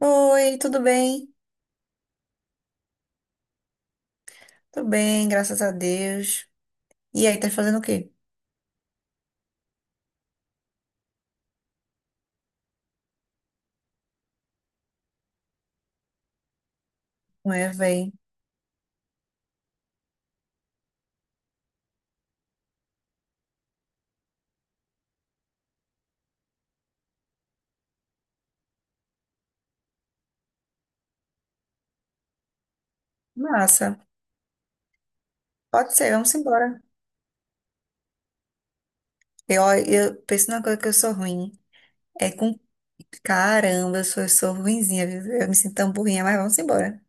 Oi, tudo bem? Tudo bem, graças a Deus. E aí, tá fazendo o quê? Não é, véi? Massa. Pode ser, vamos embora. Eu, eu penso numa coisa que eu sou ruim. É com... Caramba, eu sou ruinzinha, viu? Eu me sinto tão burrinha, mas vamos embora.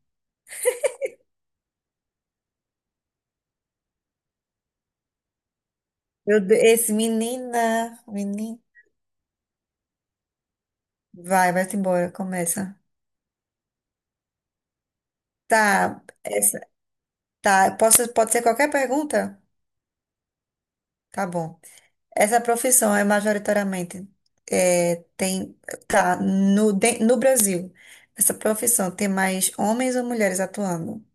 Meu Deus, esse menina, menina. Vai, vai-te embora, começa. Tá, essa, tá. Posso, pode ser qualquer pergunta? Tá bom. Essa profissão é majoritariamente tem tá no Brasil. Essa profissão tem mais homens ou mulheres atuando?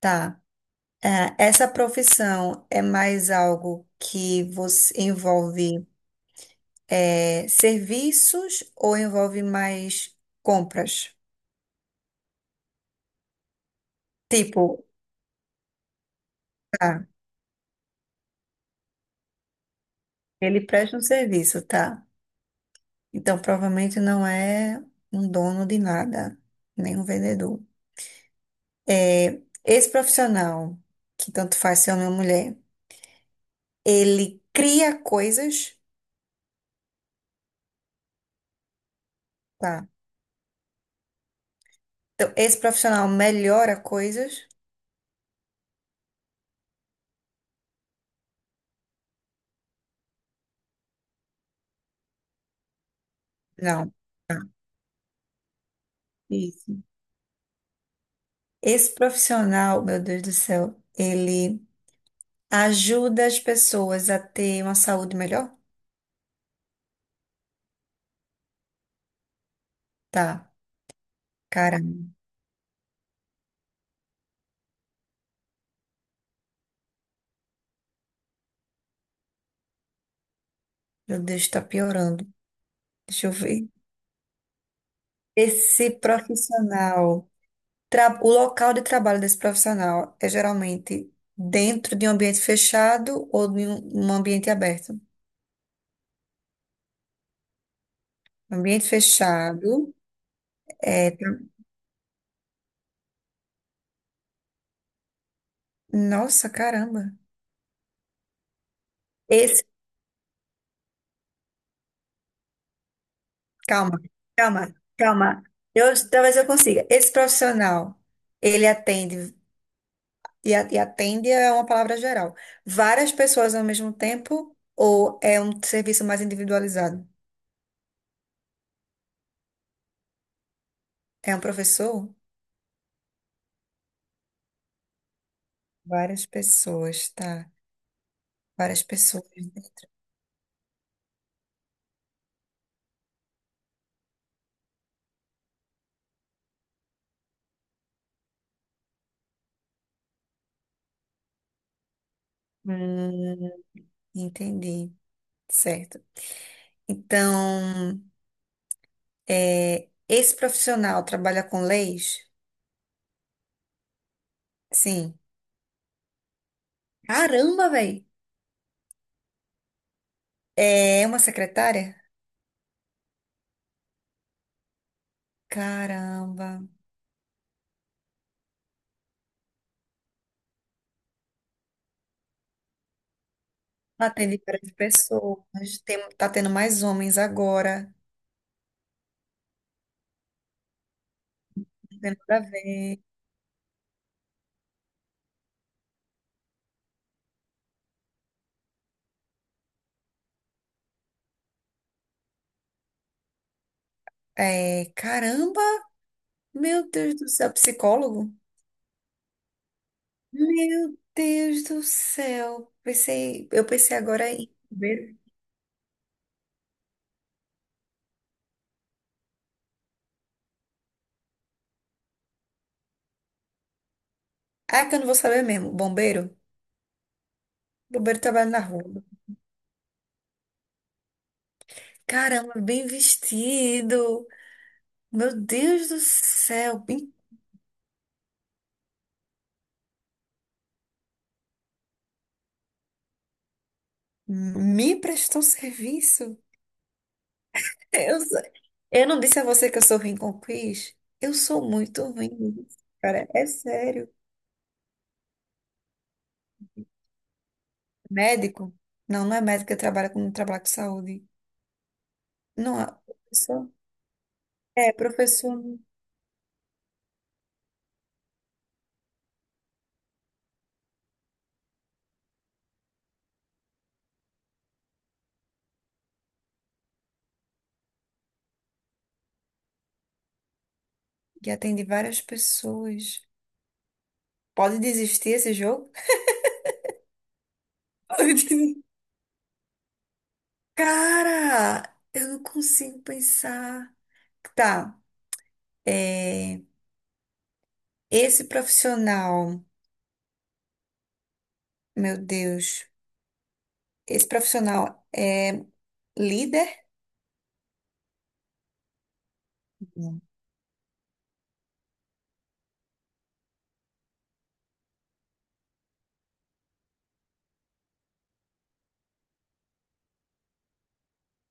Tá. É, essa profissão é mais algo que você envolve serviços ou envolve mais compras? Tipo, tá, ele presta um serviço, tá? Então provavelmente não é um dono de nada, nem um vendedor. É, esse profissional, que tanto faz ser homem ou mulher, ele cria coisas, tá? Então, esse profissional melhora coisas? Não. Isso. Esse profissional, meu Deus do céu, ele ajuda as pessoas a ter uma saúde melhor? Tá. Caramba, meu Deus, tá piorando. Deixa eu ver. Esse profissional, o local de trabalho desse profissional é geralmente dentro de um ambiente fechado ou de um ambiente aberto? Ambiente fechado. É, nossa, caramba. Esse, calma, calma, calma. Eu, talvez eu consiga. Esse profissional, ele atende, e atende é uma palavra geral. Várias pessoas ao mesmo tempo, ou é um serviço mais individualizado? É um professor? Várias pessoas, tá? Várias pessoas. Hum, entendi. Certo. Então, é, esse profissional trabalha com leis? Sim. Caramba, velho. É uma secretária? Caramba. Atende várias pessoas. Tem, tá tendo mais homens agora. Não tem nada a ver. É, caramba. Meu Deus do céu. Psicólogo? Meu Deus do céu. Pensei, eu pensei agora em bombeiro. Ah, é que eu não vou saber mesmo. Bombeiro? Bombeiro trabalha na rua. Caramba, bem vestido. Meu Deus do céu. Bem- me prestou serviço. Eu, sou- eu não disse a você que eu sou ruim com quiz? Eu sou muito ruim nisso, cara. É sério. Médico? Não, não é médico que trabalha com, trabalho com saúde. Não é professor. É professor que atende várias pessoas. Pode desistir esse jogo? Pode desistir. Cara, eu não consigo pensar. Tá, é, esse profissional, meu Deus, esse profissional é líder?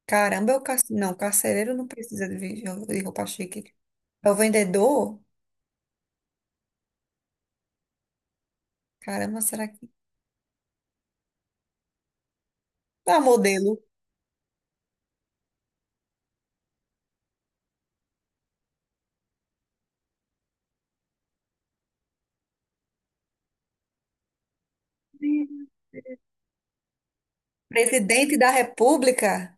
Caramba, o carce... não, o carcereiro não precisa de de roupa chique. É o vendedor? Caramba, será que. Ah, modelo. Presidente da República?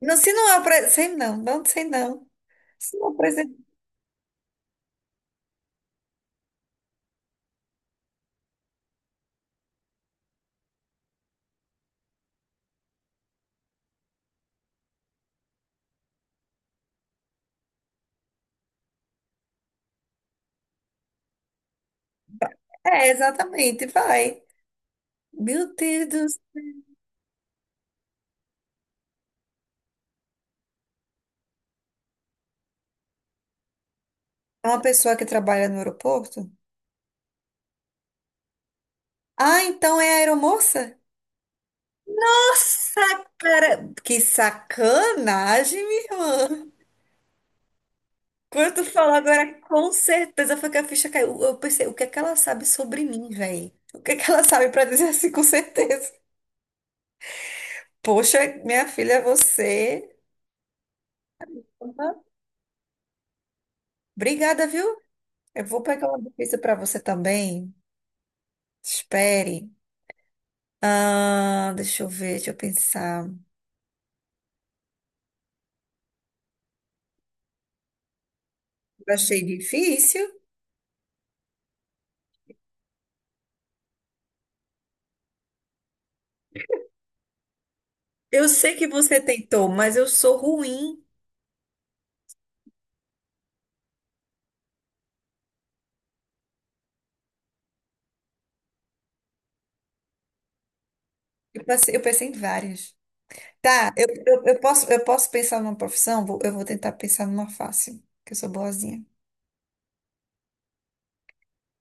Não, se não é o presidente. Sei não, não sei não. Se não é o presidente. É, exatamente, vai. Meu Deus do céu. É uma pessoa que trabalha no aeroporto? Ah, então é a aeromoça? Nossa, cara, que sacanagem, minha irmã. Quando tu falou agora, com certeza foi que a ficha caiu. Eu pensei, o que é que ela sabe sobre mim, velho? O que é que ela sabe pra dizer assim, com certeza? Poxa, minha filha, você. Opa. Obrigada, viu? Eu vou pegar uma difícil pra você também. Espere. Ah, deixa eu ver, deixa eu pensar. Eu achei difícil. Eu sei que você tentou, mas eu sou ruim. Eu pensei em várias. Tá, eu posso, eu posso pensar numa profissão? Eu vou tentar pensar numa fácil, que eu sou boazinha.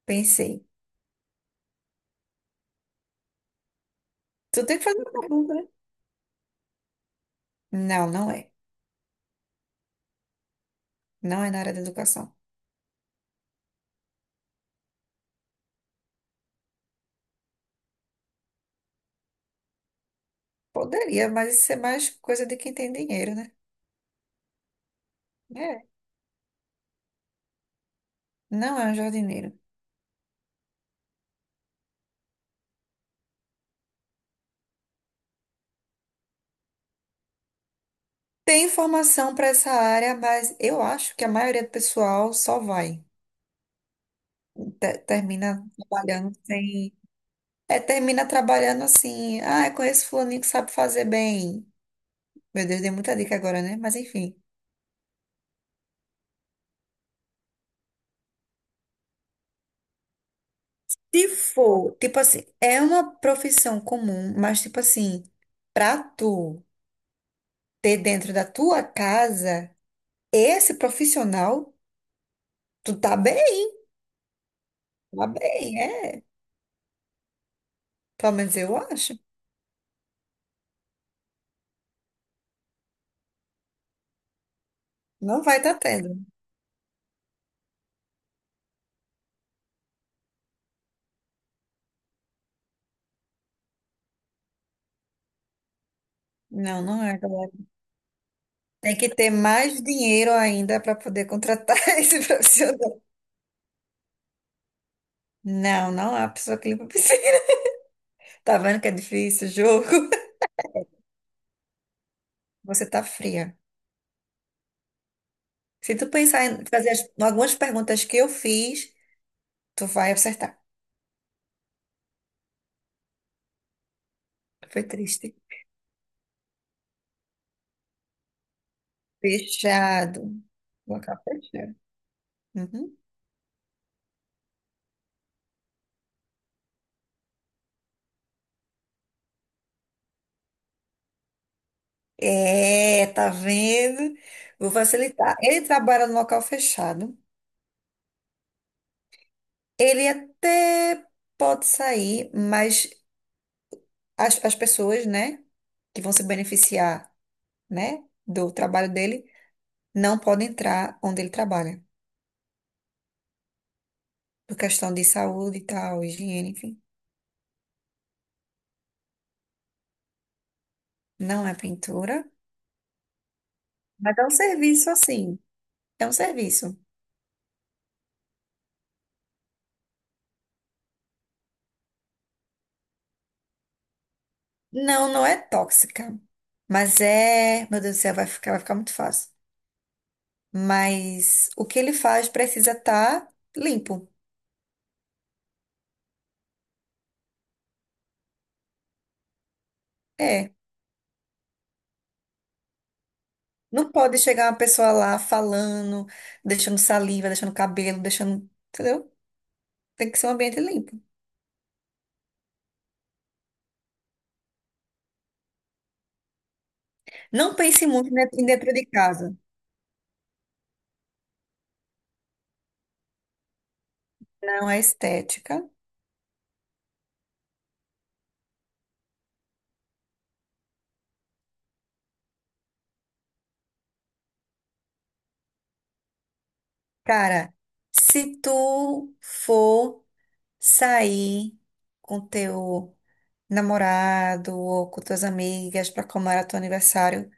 Pensei. Tu tem que fazer uma pergunta, né? Não, não é. Não é na área da educação. Poderia, mas isso é mais coisa de quem tem dinheiro, né? É. Não é um jardineiro. Tem informação para essa área, mas eu acho que a maioria do pessoal só vai. Termina trabalhando sem. É, termina trabalhando assim. Ah, eu conheço fulaninho que sabe fazer bem. Meu Deus, dei muita dica agora, né? Mas enfim. Se for, tipo assim, é uma profissão comum, mas tipo assim, pra tu. Ter dentro da tua casa esse profissional, tu tá bem, é. Pelo menos eu acho. Não vai estar tá tendo. Não, não é, galera. Tem que ter mais dinheiro ainda para poder contratar esse profissional. Não, não há pessoa que limpa a piscina. Tá vendo que é difícil o jogo? Você tá fria. Se tu pensar em fazer algumas perguntas que eu fiz, tu vai acertar. Foi triste. Fechado. Vou acabar fechado. Uhum. É, tá vendo? Vou facilitar. Ele trabalha no local fechado. Ele até pode sair, mas as pessoas, né, que vão se beneficiar, né, do trabalho dele, não podem entrar onde ele trabalha, por questão de saúde e tal, higiene, enfim. Não é pintura, mas é um serviço assim. É um serviço. Não, não é tóxica, mas é. Meu Deus do céu, vai ficar muito fácil. Mas o que ele faz precisa estar limpo. É. Não pode chegar uma pessoa lá falando, deixando saliva, deixando cabelo, deixando. Entendeu? Tem que ser um ambiente limpo. Não pense muito em dentro de casa. Não é estética. Cara, se tu for sair com teu namorado ou com tuas amigas para comemorar teu aniversário,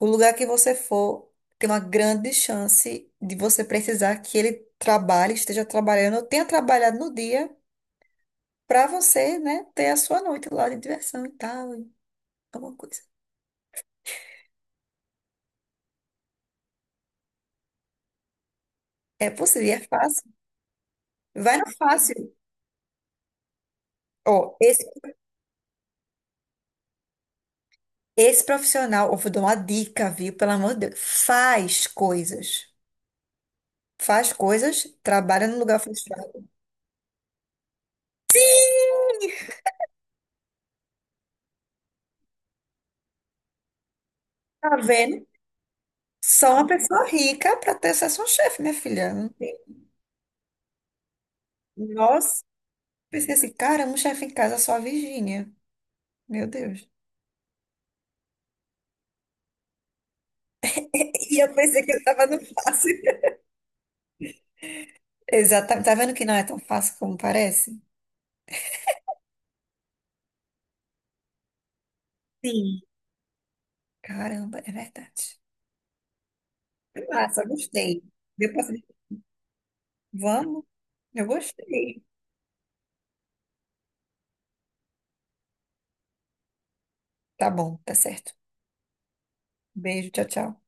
o lugar que você for tem uma grande chance de você precisar que ele trabalhe, esteja trabalhando, ou tenha trabalhado no dia para você, né, ter a sua noite lá de diversão e tal, e alguma coisa. É possível, e é fácil. Vai no fácil. Ó, esse profissional, eu vou dar uma dica, viu? Pelo amor de Deus, faz coisas. Faz coisas, trabalha no lugar fechado. Tá vendo? Só uma pessoa rica para ter acesso a um chefe, minha filha. Nossa. Pensei assim, caramba, um chefe em casa só a Virgínia. Meu Deus. E eu pensei que eu tava no fácil. Exatamente. Tá vendo que não é tão fácil como parece? Sim, caramba, é verdade. Massa, gostei. Depois, vamos? Eu gostei. Tá bom, tá certo. Beijo, tchau, tchau.